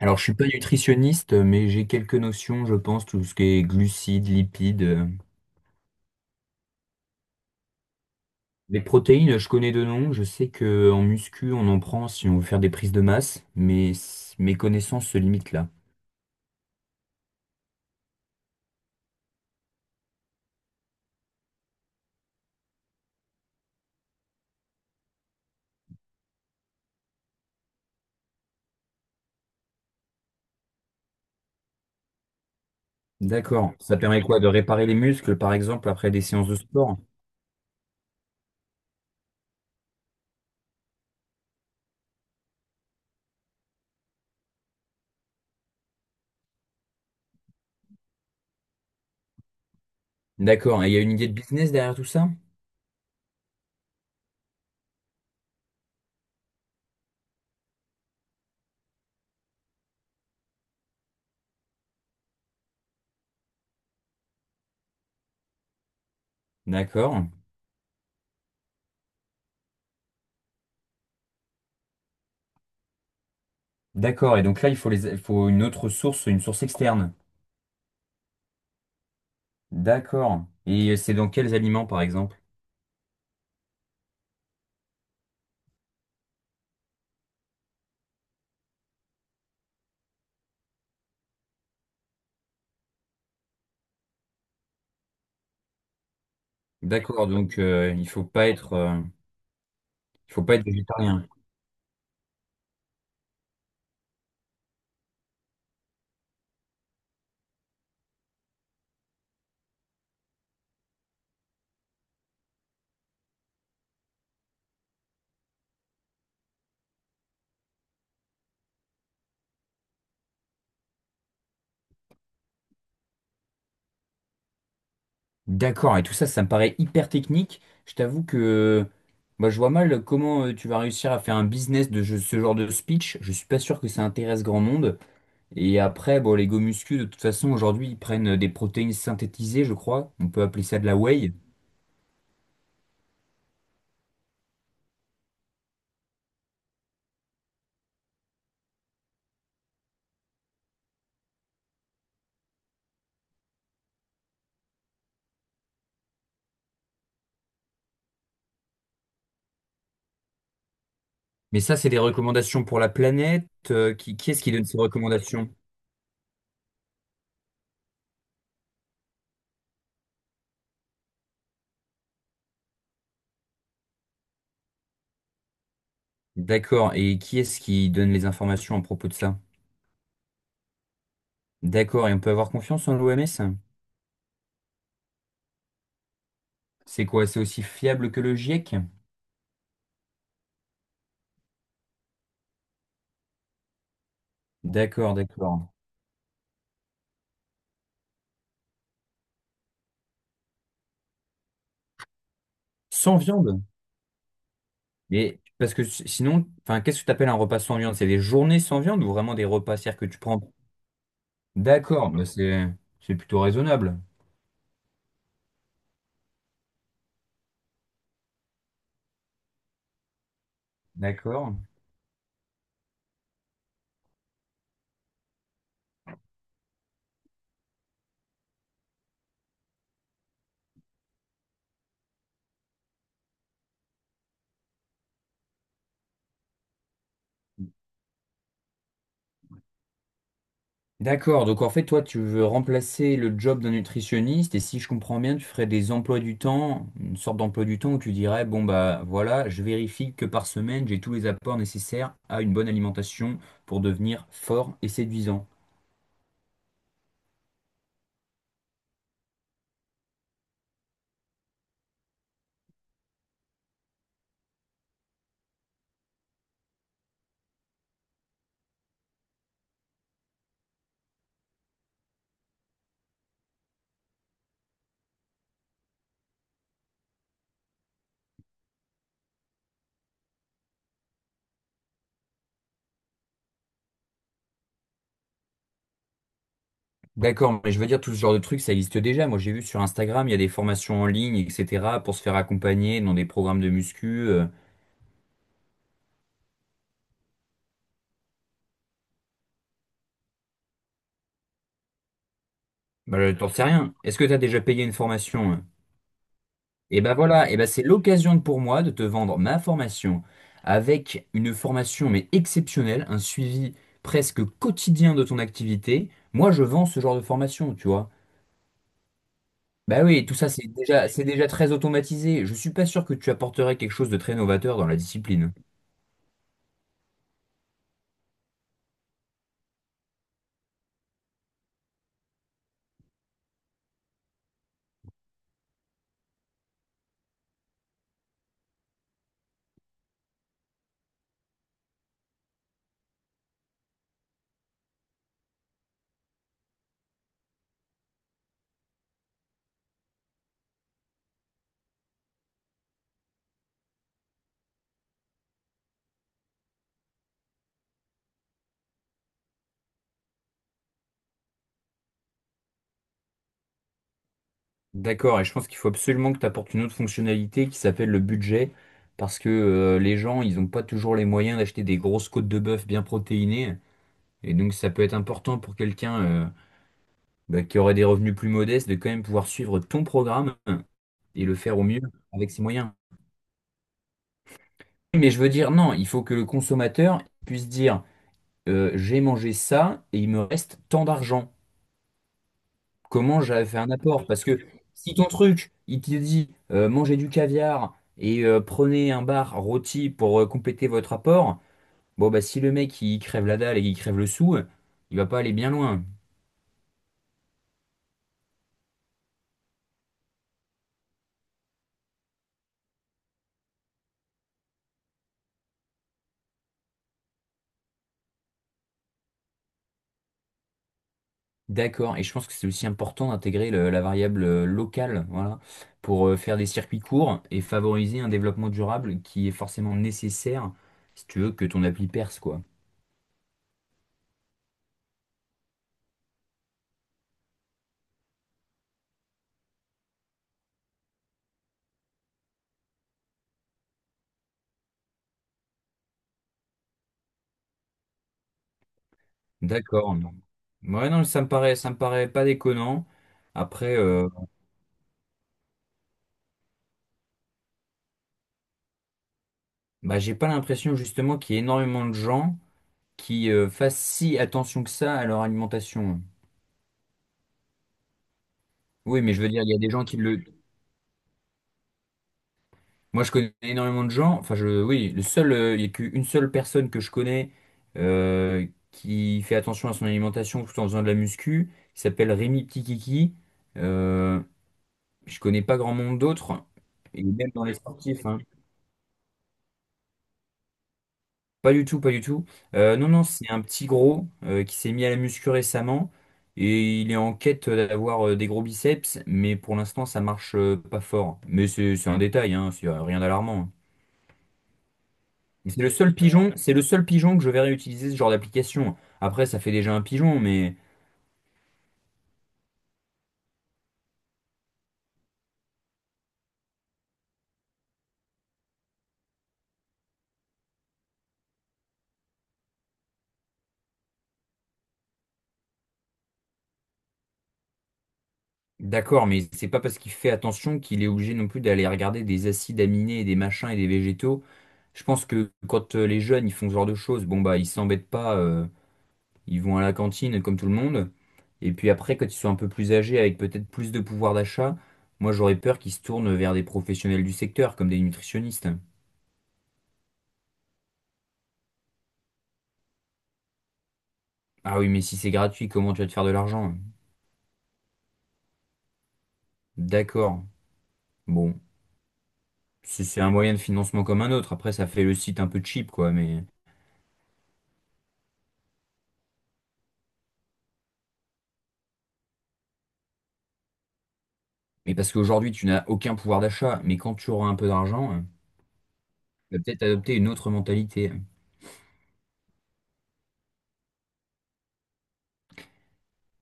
Alors, je suis pas nutritionniste, mais j'ai quelques notions, je pense, tout ce qui est glucides, lipides. Les protéines, je connais de nom. Je sais que en muscu, on en prend si on veut faire des prises de masse, mais mes connaissances se limitent là. D'accord. Ça permet quoi? De réparer les muscles, par exemple, après des séances de sport? D'accord. Et il y a une idée de business derrière tout ça? D'accord. D'accord. Et donc là, il faut les, il faut une autre source, une source externe. D'accord. Et c'est dans quels aliments, par exemple? D'accord. Donc, il faut pas être. Il faut pas être végétarien. D'accord, et tout ça, ça me paraît hyper technique. Je t'avoue que moi, je vois mal comment tu vas réussir à faire un business de ce genre de speech. Je suis pas sûr que ça intéresse grand monde. Et après, bon, les gomuscu, de toute façon, aujourd'hui, ils prennent des protéines synthétisées, je crois. On peut appeler ça de la whey. Mais ça, c'est des recommandations pour la planète. Qui est-ce qui donne ces recommandations? D'accord, et qui est-ce qui donne les informations à propos de ça? D'accord, et on peut avoir confiance en l'OMS? C'est quoi? C'est aussi fiable que le GIEC? D'accord, d'accord. Sans viande? Mais parce que sinon, enfin, qu'est-ce que tu appelles un repas sans viande? C'est des journées sans viande ou vraiment des repas cest à dire que tu prends? D'accord, bah c'est plutôt raisonnable. D'accord. D'accord, donc en fait, toi, tu veux remplacer le job d'un nutritionniste et si je comprends bien, tu ferais des emplois du temps, une sorte d'emploi du temps où tu dirais, bon, bah voilà, je vérifie que par semaine, j'ai tous les apports nécessaires à une bonne alimentation pour devenir fort et séduisant. D'accord, mais je veux dire, tout ce genre de trucs, ça existe déjà. Moi, j'ai vu sur Instagram, il y a des formations en ligne, etc., pour se faire accompagner dans des programmes de muscu. Bah, t'en sais rien. Est-ce que t'as déjà payé une formation, hein? Et ben voilà, et ben c'est l'occasion pour moi de te vendre ma formation avec une formation, mais exceptionnelle, un suivi presque quotidien de ton activité. Moi, je vends ce genre de formation, tu vois. Bah oui, tout ça, c'est déjà très automatisé. Je suis pas sûr que tu apporterais quelque chose de très novateur dans la discipline. D'accord, et je pense qu'il faut absolument que tu apportes une autre fonctionnalité qui s'appelle le budget, parce que les gens, ils n'ont pas toujours les moyens d'acheter des grosses côtes de bœuf bien protéinées, et donc ça peut être important pour quelqu'un bah, qui aurait des revenus plus modestes de quand même pouvoir suivre ton programme et le faire au mieux avec ses moyens. Mais je veux dire, non, il faut que le consommateur puisse dire, j'ai mangé ça et il me reste tant d'argent. Comment j'avais fait un apport. Parce que si ton truc, il te dit mangez du caviar et prenez un bar rôti pour compléter votre apport, bon bah si le mec il crève la dalle et il crève le sou, il va pas aller bien loin. D'accord, et je pense que c'est aussi important d'intégrer la variable locale, voilà, pour faire des circuits courts et favoriser un développement durable qui est forcément nécessaire si tu veux que ton appli perce, quoi. D'accord. Non. Ouais, non, ça me paraît pas déconnant. Après, Bah, j'ai pas l'impression justement qu'il y ait énormément de gens qui fassent si attention que ça à leur alimentation. Oui, mais je veux dire, il y a des gens qui le... Moi, je connais énormément de gens. Enfin, je... oui, le seul, il y a qu'une seule personne que je connais euh, qui fait attention à son alimentation tout en faisant de la muscu. Il s'appelle Rémi Petit Kiki. Euh, je connais pas grand monde d'autres. Et même dans les sportifs, hein, pas du tout, pas du tout. Non, non, c'est un petit gros qui s'est mis à la muscu récemment et il est en quête d'avoir des gros biceps, mais pour l'instant ça marche pas fort. Mais c'est un détail, hein, c'est rien d'alarmant, hein. Et c'est le seul pigeon, c'est le seul pigeon que je verrai utiliser ce genre d'application. Après, ça fait déjà un pigeon, mais d'accord, mais c'est pas parce qu'il fait attention qu'il est obligé non plus d'aller regarder des acides aminés et des machins et des végétaux. Je pense que quand les jeunes ils font ce genre de choses, bon bah ils s'embêtent pas. Ils vont à la cantine comme tout le monde. Et puis après, quand ils sont un peu plus âgés, avec peut-être plus de pouvoir d'achat, moi j'aurais peur qu'ils se tournent vers des professionnels du secteur, comme des nutritionnistes. Ah oui, mais si c'est gratuit, comment tu vas te faire de l'argent? D'accord. Bon, c'est un moyen de financement comme un autre. Après, ça fait le site un peu cheap, quoi. Mais parce qu'aujourd'hui, tu n'as aucun pouvoir d'achat. Mais quand tu auras un peu d'argent, tu vas peut-être adopter une autre mentalité.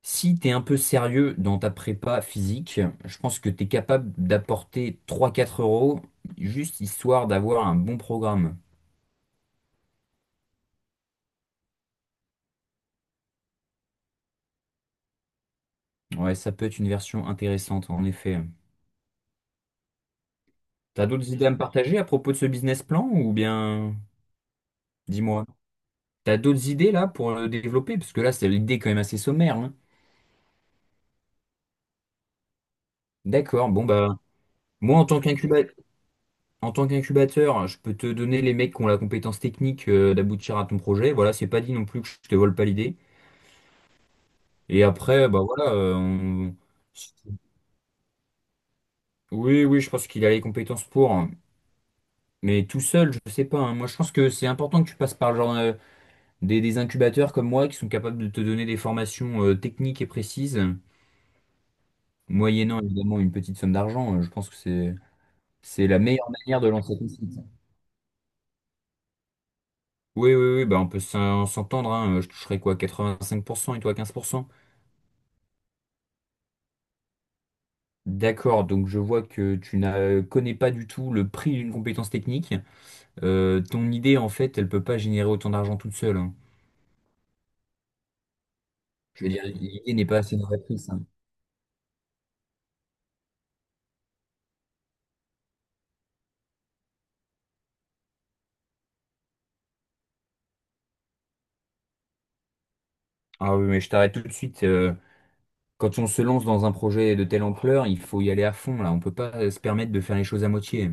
Si tu es un peu sérieux dans ta prépa physique, je pense que tu es capable d'apporter trois quatre euros juste histoire d'avoir un bon programme. Ouais, ça peut être une version intéressante en effet. T'as d'autres idées à me partager à propos de ce business plan ou bien dis-moi. T'as d'autres idées là pour le développer? Parce que là, c'est l'idée quand même assez sommaire, hein. D'accord, bon bah moi en tant en tant qu'incubateur, je peux te donner les mecs qui ont la compétence technique d'aboutir à ton projet. Voilà, c'est pas dit non plus que je te vole pas l'idée. Et après, bah voilà, oui, oui, je pense qu'il a les compétences pour, hein. Mais tout seul, je sais pas, hein. Moi, je pense que c'est important que tu passes par le genre des incubateurs comme moi qui sont capables de te donner des formations techniques et précises, moyennant évidemment une petite somme d'argent. Je pense que c'est la meilleure manière de lancer ton site. Oui, oui, oui, bah on peut s'entendre, hein. Je toucherai quoi, 85% et toi 15%. D'accord, donc je vois que connais pas du tout le prix d'une compétence technique. Ton idée, en fait, elle peut pas générer autant d'argent toute seule, hein. Je veux dire, l'idée n'est pas assez novatrice, hein. Ah oui, mais je t'arrête tout de suite. Quand on se lance dans un projet de telle ampleur, il faut y aller à fond, là. On peut pas se permettre de faire les choses à moitié.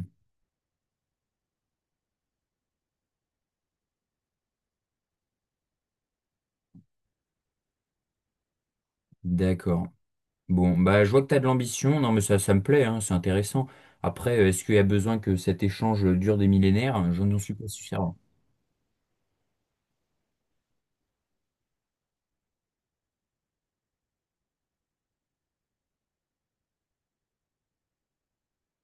D'accord. Bon, bah, je vois que tu as de l'ambition. Non, mais ça me plaît, hein, c'est intéressant. Après, est-ce qu'il y a besoin que cet échange dure des millénaires? Je n'en suis pas sûr.